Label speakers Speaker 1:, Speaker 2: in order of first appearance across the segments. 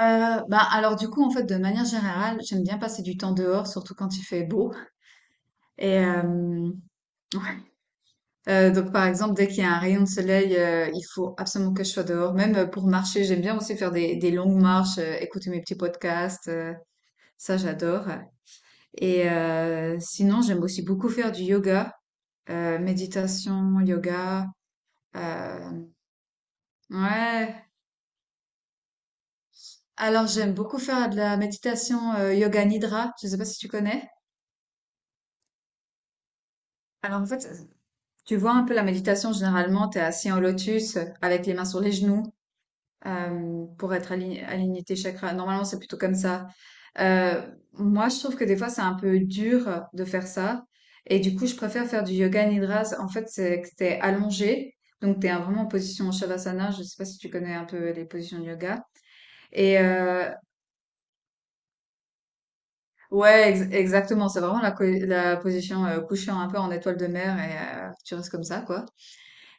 Speaker 1: Bah alors du coup en fait de manière générale j'aime bien passer du temps dehors surtout quand il fait beau et ouais. Donc par exemple dès qu'il y a un rayon de soleil il faut absolument que je sois dehors, même pour marcher. J'aime bien aussi faire des longues marches, écouter mes petits podcasts, ça j'adore. Et sinon j'aime aussi beaucoup faire du yoga, méditation yoga, euh, ouais. Alors j'aime beaucoup faire de la méditation yoga nidra, je sais pas si tu connais. Alors en fait, tu vois un peu la méditation, généralement tu es assis en lotus avec les mains sur les genoux pour être aligné, aligné tes chakras. Normalement, c'est plutôt comme ça. Euh, moi, je trouve que des fois, c'est un peu dur de faire ça. Et du coup, je préfère faire du yoga nidra. En fait, c'est que t'es allongé. Donc, t'es vraiment en position Shavasana. Je sais pas si tu connais un peu les positions de yoga. Et ouais, exactement. C'est vraiment la, la position couchée, un peu en étoile de mer, et tu restes comme ça, quoi.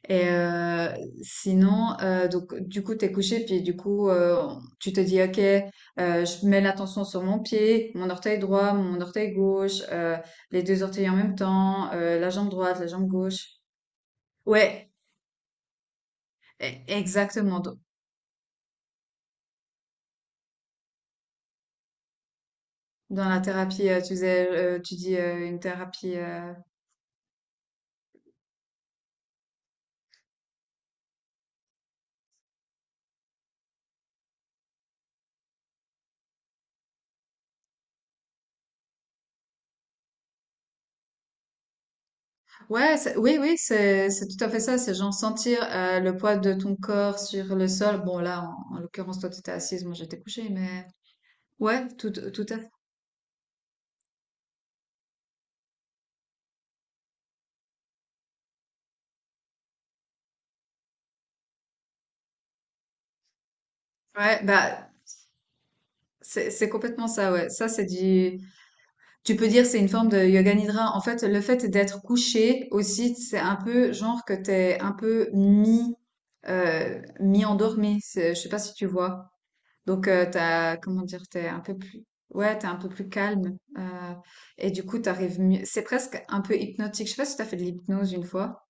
Speaker 1: Et sinon, donc du coup, t'es couché, puis du coup, tu te dis, ok, je mets l'attention sur mon pied, mon orteil droit, mon orteil gauche, les deux orteils en même temps, la jambe droite, la jambe gauche. Ouais, exactement. Dans la thérapie, tu disais, tu dis une thérapie. Ouais, oui, oui, c'est tout à fait ça. C'est genre sentir le poids de ton corps sur le sol. Bon, là, en l'occurrence, toi, tu étais assise, moi, j'étais couchée, mais ouais, tout à fait. Ouais, bah, c'est complètement ça, ouais. Ça, c'est du, tu peux dire, c'est une forme de yoga nidra. En fait, le fait d'être couché aussi, c'est un peu genre que t'es un peu mi-endormi. Je sais pas si tu vois. Donc, t'as, comment dire, t'es un peu plus, ouais, t'es un peu plus calme. Et du coup, t'arrives mieux. C'est presque un peu hypnotique. Je sais pas si t'as fait de l'hypnose une fois.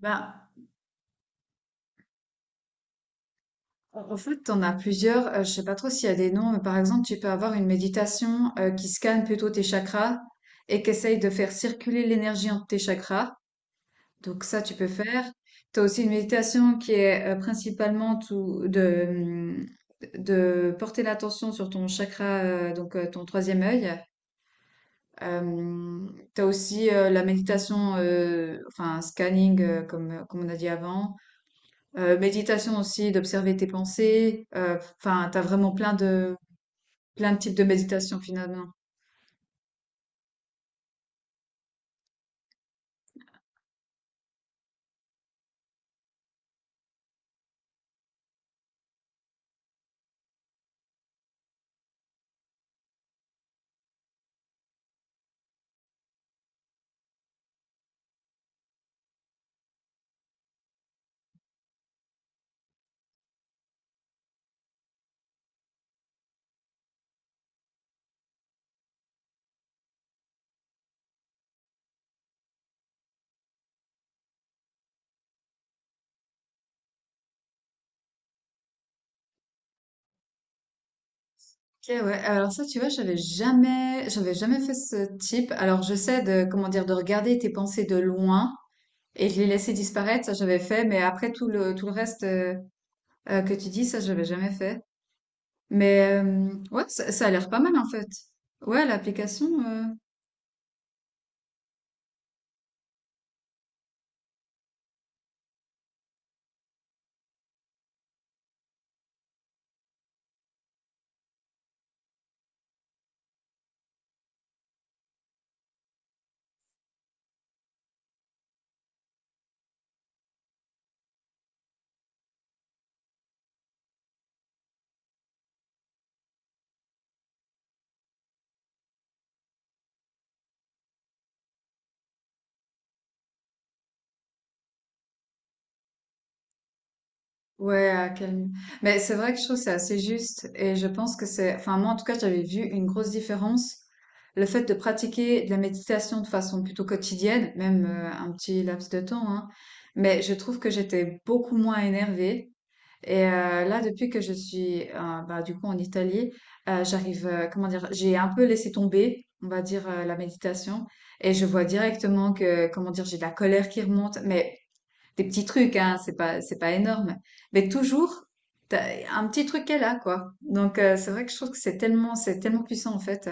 Speaker 1: Ben, en fait, t'en as plusieurs. Je sais pas trop s'il y a des noms, mais par exemple, tu peux avoir une méditation qui scanne plutôt tes chakras et qui essaye de faire circuler l'énergie entre tes chakras. Donc ça, tu peux faire. Tu as aussi une méditation qui est principalement tout, de porter l'attention sur ton chakra, ton troisième œil. Euh, tu as aussi la méditation, enfin scanning, comme, comme on a dit avant. Méditation aussi, d'observer tes pensées. Enfin, t'as vraiment plein de types de méditation finalement. Ok, ouais. Alors ça, tu vois, j'avais jamais fait ce type. Alors je sais de comment dire, de regarder tes pensées de loin et de les laisser disparaître. Ça, j'avais fait, mais après tout le reste que tu dis, ça, j'avais jamais fait. Mais ouais, ça a l'air pas mal en fait. Ouais, l'application. Ouais, à calmer. Mais c'est vrai que je trouve que c'est assez juste et je pense que c'est, enfin moi en tout cas j'avais vu une grosse différence. Le fait de pratiquer de la méditation de façon plutôt quotidienne, même un petit laps de temps, hein, mais je trouve que j'étais beaucoup moins énervée. Et là, depuis que je suis bah, du coup en Italie, j'arrive, comment dire, j'ai un peu laissé tomber, on va dire, la méditation. Et je vois directement que, comment dire, j'ai de la colère qui remonte, mais des petits trucs, hein, c'est pas énorme. Mais toujours, t'as un petit truc qu'elle a, quoi. Donc, c'est vrai que je trouve que c'est tellement puissant, en fait.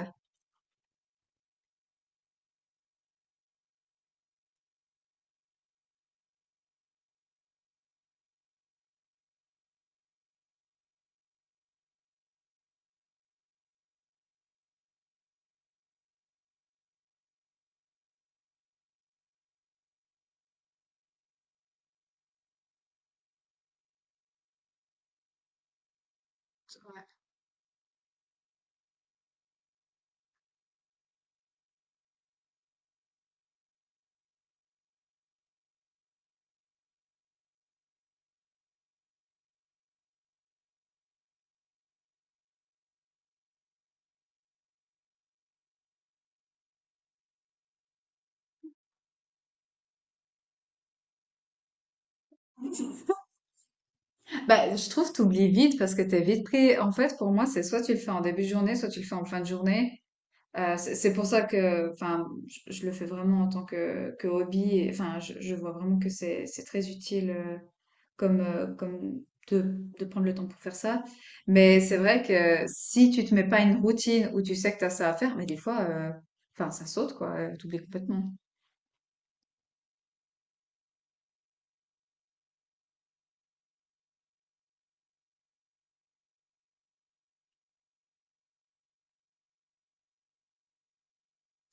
Speaker 1: Bah, je trouve que tu oublies vite parce que t'es vite pris. En fait, pour moi, c'est soit tu le fais en début de journée, soit tu le fais en fin de journée. C'est pour ça que, enfin, je le fais vraiment en tant que hobby. Et, enfin, je vois vraiment que c'est très utile comme, comme de, de prendre le temps pour faire ça. Mais c'est vrai que si tu te mets pas une routine où tu sais que tu as ça à faire, mais des fois, enfin, ça saute, quoi. T'oublies complètement.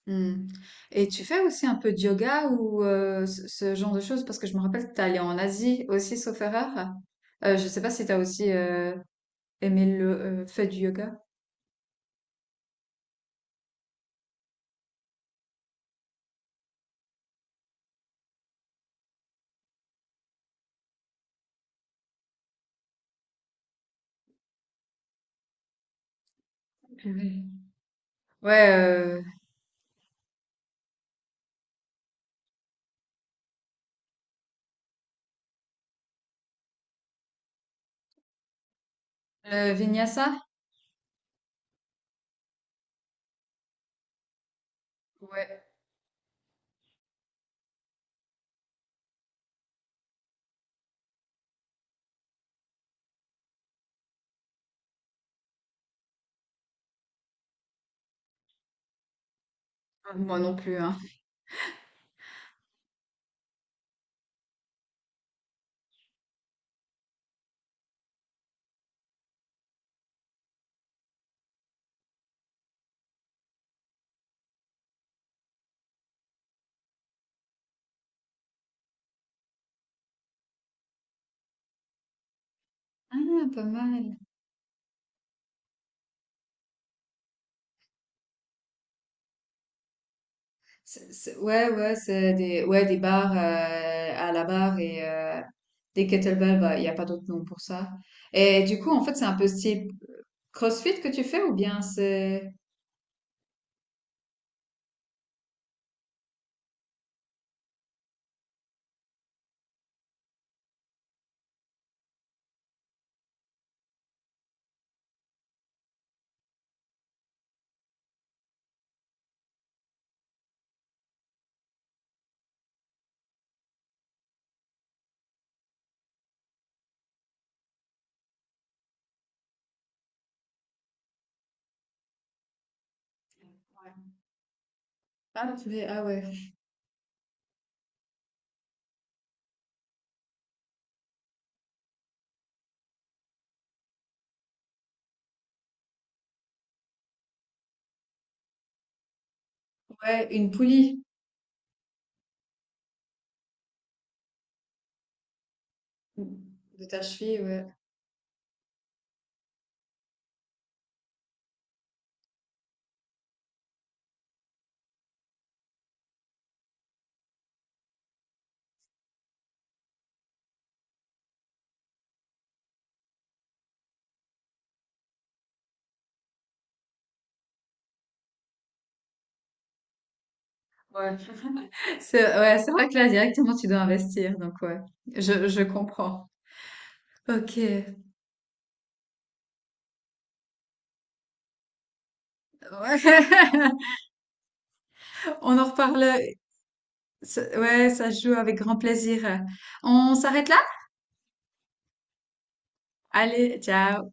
Speaker 1: Hmm. Et tu fais aussi un peu de yoga ou ce, ce genre de choses? Parce que je me rappelle que tu allé en Asie aussi, sauf erreur. Je sais pas si tu as aussi aimé le fait du yoga. Ouais, Vinyasa? Ouais, ah, moi non plus, hein. Ah, pas mal. Ouais, ouais, c'est des, ouais, des barres à la barre et des kettlebells, bah, il n'y a pas d'autre nom pour ça. Et du coup, en fait, c'est un peu style CrossFit que tu fais ou bien c'est... Ouais. Ah, tu fais, ah ouais. Ouais, une poulie de ta cheville, ouais. Ouais. C'est, ouais, c'est vrai que là, directement, tu dois investir, donc ouais, je comprends. Ok. Ouais. On en reparle. Ouais, ça se joue avec grand plaisir. On s'arrête là? Allez, ciao.